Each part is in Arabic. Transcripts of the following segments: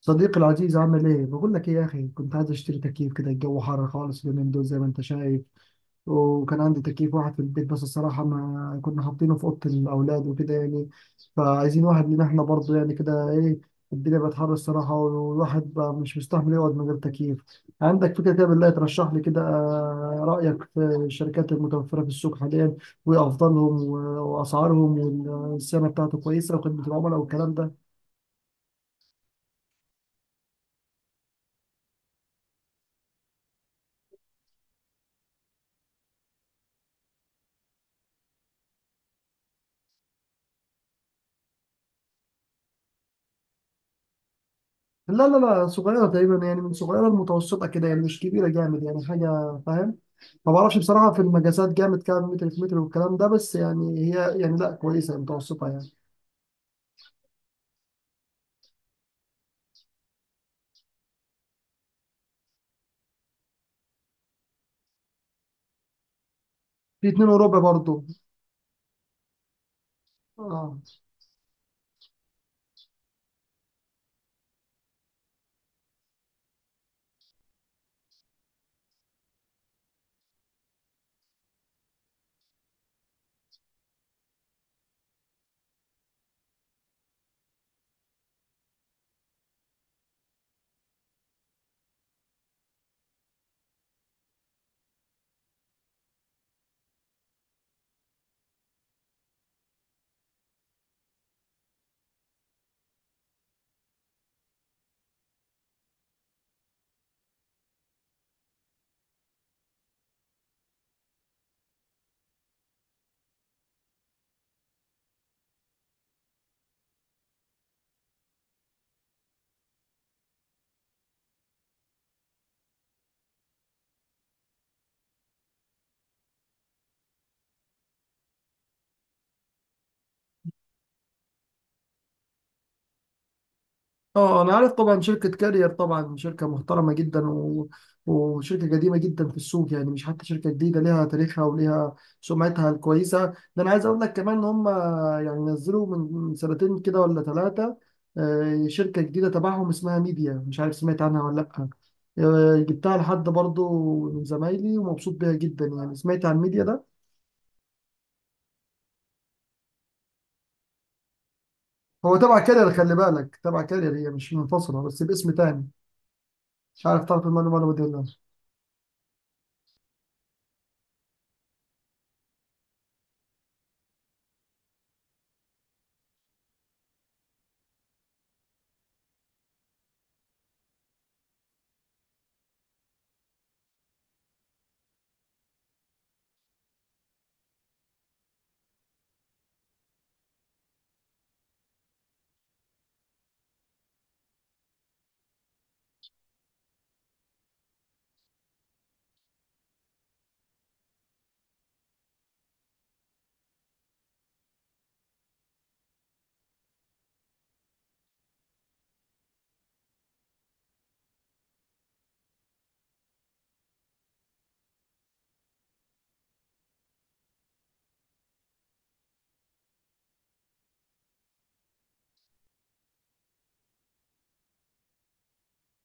صديقي العزيز عامل ايه؟ بقول لك ايه يا اخي، كنت عايز اشتري تكييف كده. الجو حر خالص اليومين دول زي ما انت شايف. وكان عندي تكييف واحد في البيت، بس الصراحة ما كنا حاطينه في أوضة الأولاد وكده يعني. فعايزين واحد لينا احنا برضه يعني كده. ايه، الدنيا بقت حر الصراحة، والواحد بقى مش مستحمل يقعد من غير تكييف. عندك فكرة كده بالله ترشح لي كده؟ رأيك في الشركات المتوفرة في السوق حاليا وأفضلهم وأسعارهم، والسنة بتاعته كويسة، وخدمة العملاء والكلام ده. لا لا لا، صغيرة تقريبا يعني، من صغيرة المتوسطة كده يعني، مش كبيرة جامد يعني حاجة، فاهم. ما بعرفش بصراحة في المجازات جامد كام متر في متر والكلام ده، بس يعني هي يعني لا، كويسة متوسطة يعني. في اتنين وربع برضو. اه. اه انا عارف طبعا، شركة كارير طبعا شركة محترمة جدا وشركة قديمة جدا في السوق يعني، مش حتى شركة جديدة، ليها تاريخها وليها سمعتها الكويسة. ده انا عايز اقول لك كمان ان هم يعني نزلوا من سنتين كده ولا ثلاثة، شركة جديدة تبعهم اسمها ميديا. مش عارف سمعت عنها ولا لا؟ جبتها لحد برضو من زمايلي ومبسوط بيها جدا يعني. سمعت عن ميديا ده؟ هو تبع كارير، خلي بالك تبع كارير، هي مش منفصلة بس باسم تاني. مش عارف تعرف المعلومة ولا لا؟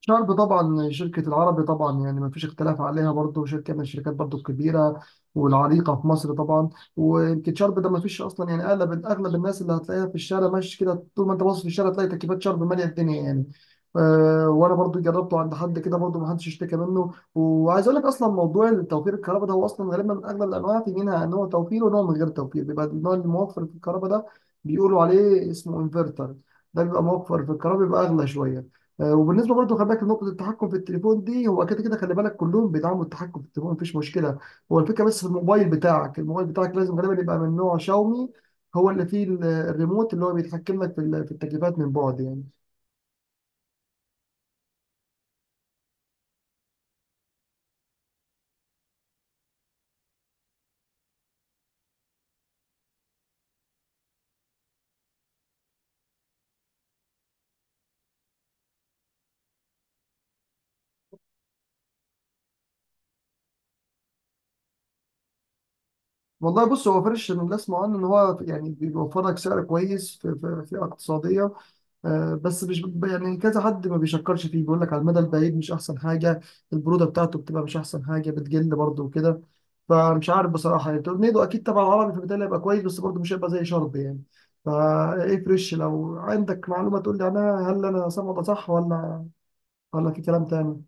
شارب طبعا، شركة العربي طبعا، يعني ما فيش اختلاف عليها، برضو شركة من الشركات برضو الكبيرة والعريقة في مصر طبعا. ويمكن شارب ده ما فيش أصلا يعني، أغلب الناس اللي هتلاقيها في الشارع ماشي كده، طول ما أنت باصص في الشارع تلاقي تكييفات شارب مالية الدنيا يعني. أه، وأنا برضو جربته عند حد كده برضو، ما حدش اشتكى منه. وعايز أقول لك أصلا، موضوع توفير الكهرباء ده هو أصلا غالبا أغلب الأنواع، في منها نوع توفير ونوع من غير توفير. بيبقى النوع الموفر في الكهرباء ده بيقولوا عليه اسمه انفرتر، ده بيبقى موفر في الكهرباء، بيبقى أغلى شوية. وبالنسبه برضه خلي بالك لنقطه التحكم في التليفون دي، هو كده كده خلي بالك كلهم بيدعموا التحكم في التليفون، مفيش مشكله. هو الفكره بس في الموبايل بتاعك، الموبايل بتاعك لازم غالبا يبقى من نوع شاومي، هو اللي فيه الريموت اللي هو بيتحكم لك في التكييفات من بعد يعني. والله بص، هو فرش اللي اسمع عنه ان هو يعني بيوفر لك سعر كويس، في اقتصاديه. بس مش يعني كذا حد ما بيشكرش فيه، بيقول لك على المدى البعيد مش احسن حاجه، البروده بتاعته بتبقى مش احسن حاجه بتجل برضه وكده. فمش عارف بصراحه يعني. تورنيدو اكيد طبعا عربي، فبالتالي هيبقى كويس، بس برضه مش هيبقى زي شرب يعني. فا ايه فريش؟ لو عندك معلومه تقول لي عنها، هل انا سامع ده صح ولا ولا في كلام تاني؟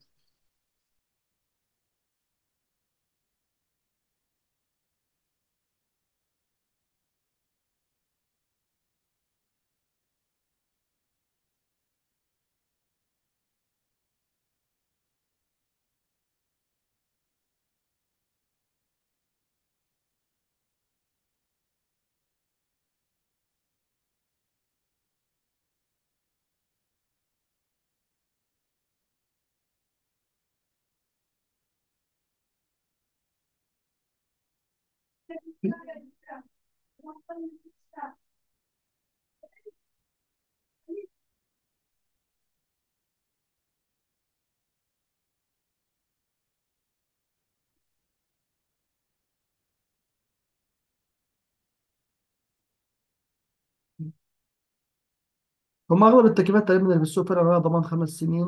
هم اغلب التكييفات تقريبا اللي في السوق فعلا عليها ضمان خمس سنين.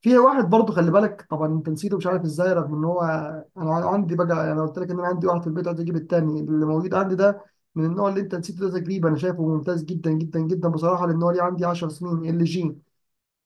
في واحد برضه خلي بالك، طبعا انت نسيته مش عارف ازاي، رغم ان هو، انا عندي بقى، انا قلت لك ان انا عندي واحد في البيت، عايز اجيب التاني اللي موجود عندي ده من النوع اللي انت نسيته ده. تجريبا انا شايفه ممتاز جدا جدا جدا بصراحه، لان هو ليه عندي 10 سنين. ال جي،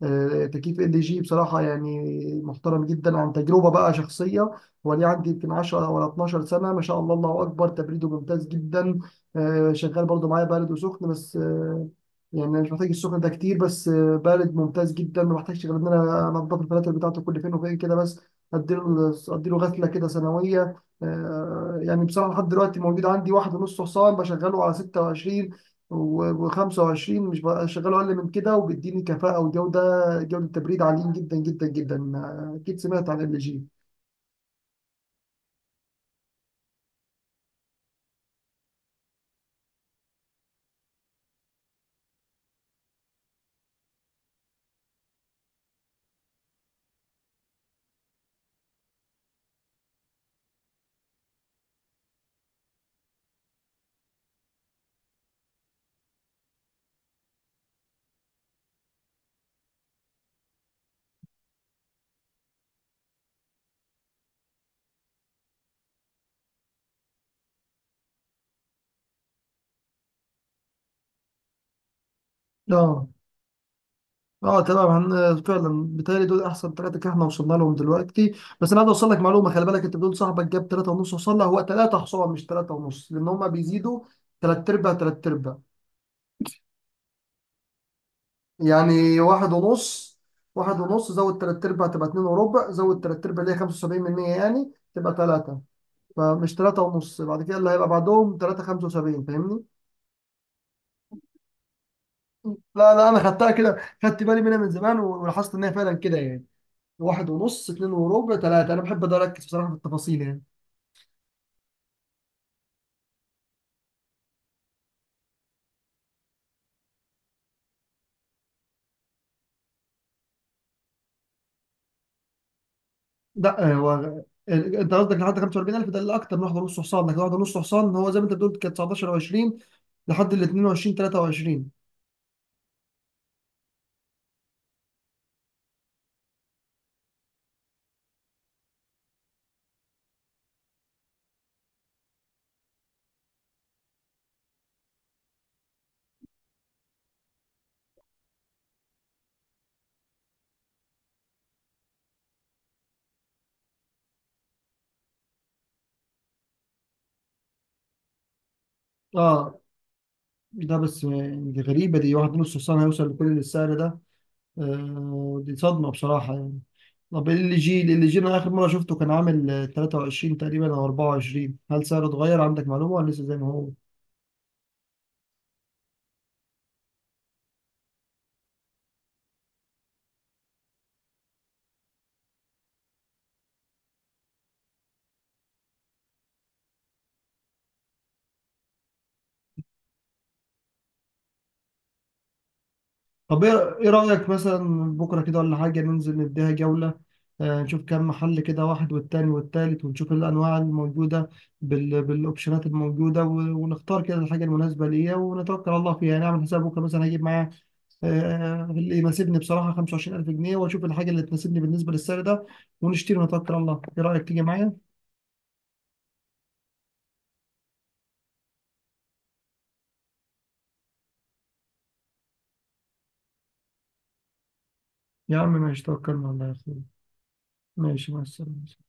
تكييف ال جي بصراحة يعني محترم جدا عن تجربة بقى شخصية. وليه عندي يمكن 10 ولا 12 سنة، ما شاء الله الله أكبر، تبريده ممتاز جدا. شغال برضو معايا بارد وسخن، بس يعني مش محتاج السخن ده كتير، بس بارد ممتاز جدا. ما بحتاجش غير إن أنا أنضف الفلاتر بتاعته كل فين وفين كده، بس أديله أديله غسلة كده سنوية. يعني بصراحة لحد دلوقتي موجود عندي واحد ونص حصان، بشغله على 26 و25، مش بشغله أقل من كده، وبيديني كفاءة وجودة جوله تبريد عاليين جدا جدا جدا. اكيد سمعت عن ال جي. اه. اه تمام. هن فعلا بيتهيألي دول احسن ثلاثه كده، احنا وصلنا لهم دلوقتي. بس انا عايز اوصل لك معلومه، خلي بالك انت بتقول صاحبك جاب ثلاثه ونص، وصل له هو ثلاثه حصان مش ثلاثه ونص، لان هم بيزيدوا ثلاث ارباع ثلاث ارباع، يعني واحد ونص، واحد ونص زود ثلاث ارباع تبقى اتنين وربع، زود ثلاث ارباع اللي هي 75% يعني تبقى ثلاثه. فمش ثلاثه ونص بعد كده، اللي هيبقى بعدهم ثلاثه 75، فاهمني؟ لا لا انا خدتها كده، خدت بالي منها من زمان، ولاحظت ان هي فعلا كده يعني. واحد ونص، اتنين وربع، تلاتة. انا بحب ده اركز بصراحه في التفاصيل يعني. لا، هو، انت قصدك لحد 45,000 ده اللي اكتر من واحده ونص حصان، لكن واحده ونص حصان هو زي ما انت بتقول كانت 19 و20 لحد ال 22 23. اه. ده بس يعني دي غريبه، دي واحد ونص حصان هيوصل لكل السعر ده؟ آه دي صدمه بصراحه يعني. طب ال جي، ال جي انا اخر مره شفته كان عامل 23 تقريبا او 24، هل سعره اتغير عندك معلومه ولا لسه زي ما هو؟ طب ايه، إيه رأيك مثلا بكرة كده ولا حاجة ننزل نديها جولة؟ نشوف كام محل كده، واحد والتاني والتالت، ونشوف الأنواع الموجودة بالأوبشنات الموجودة، ونختار كده الحاجة المناسبة ليا، ونتوكل على الله فيها. نعمل حساب بكرة مثلا، هجيب معايا آه، اللي يناسبني بصراحة 25,000 جنيه، وأشوف الحاجة اللي تناسبني بالنسبة للسعر ده، ونشتري ونتوكل على الله. إيه رأيك تيجي معايا؟ يا عم ماشي، توكلنا على الله يا أخوي. ماشي مع السلامة.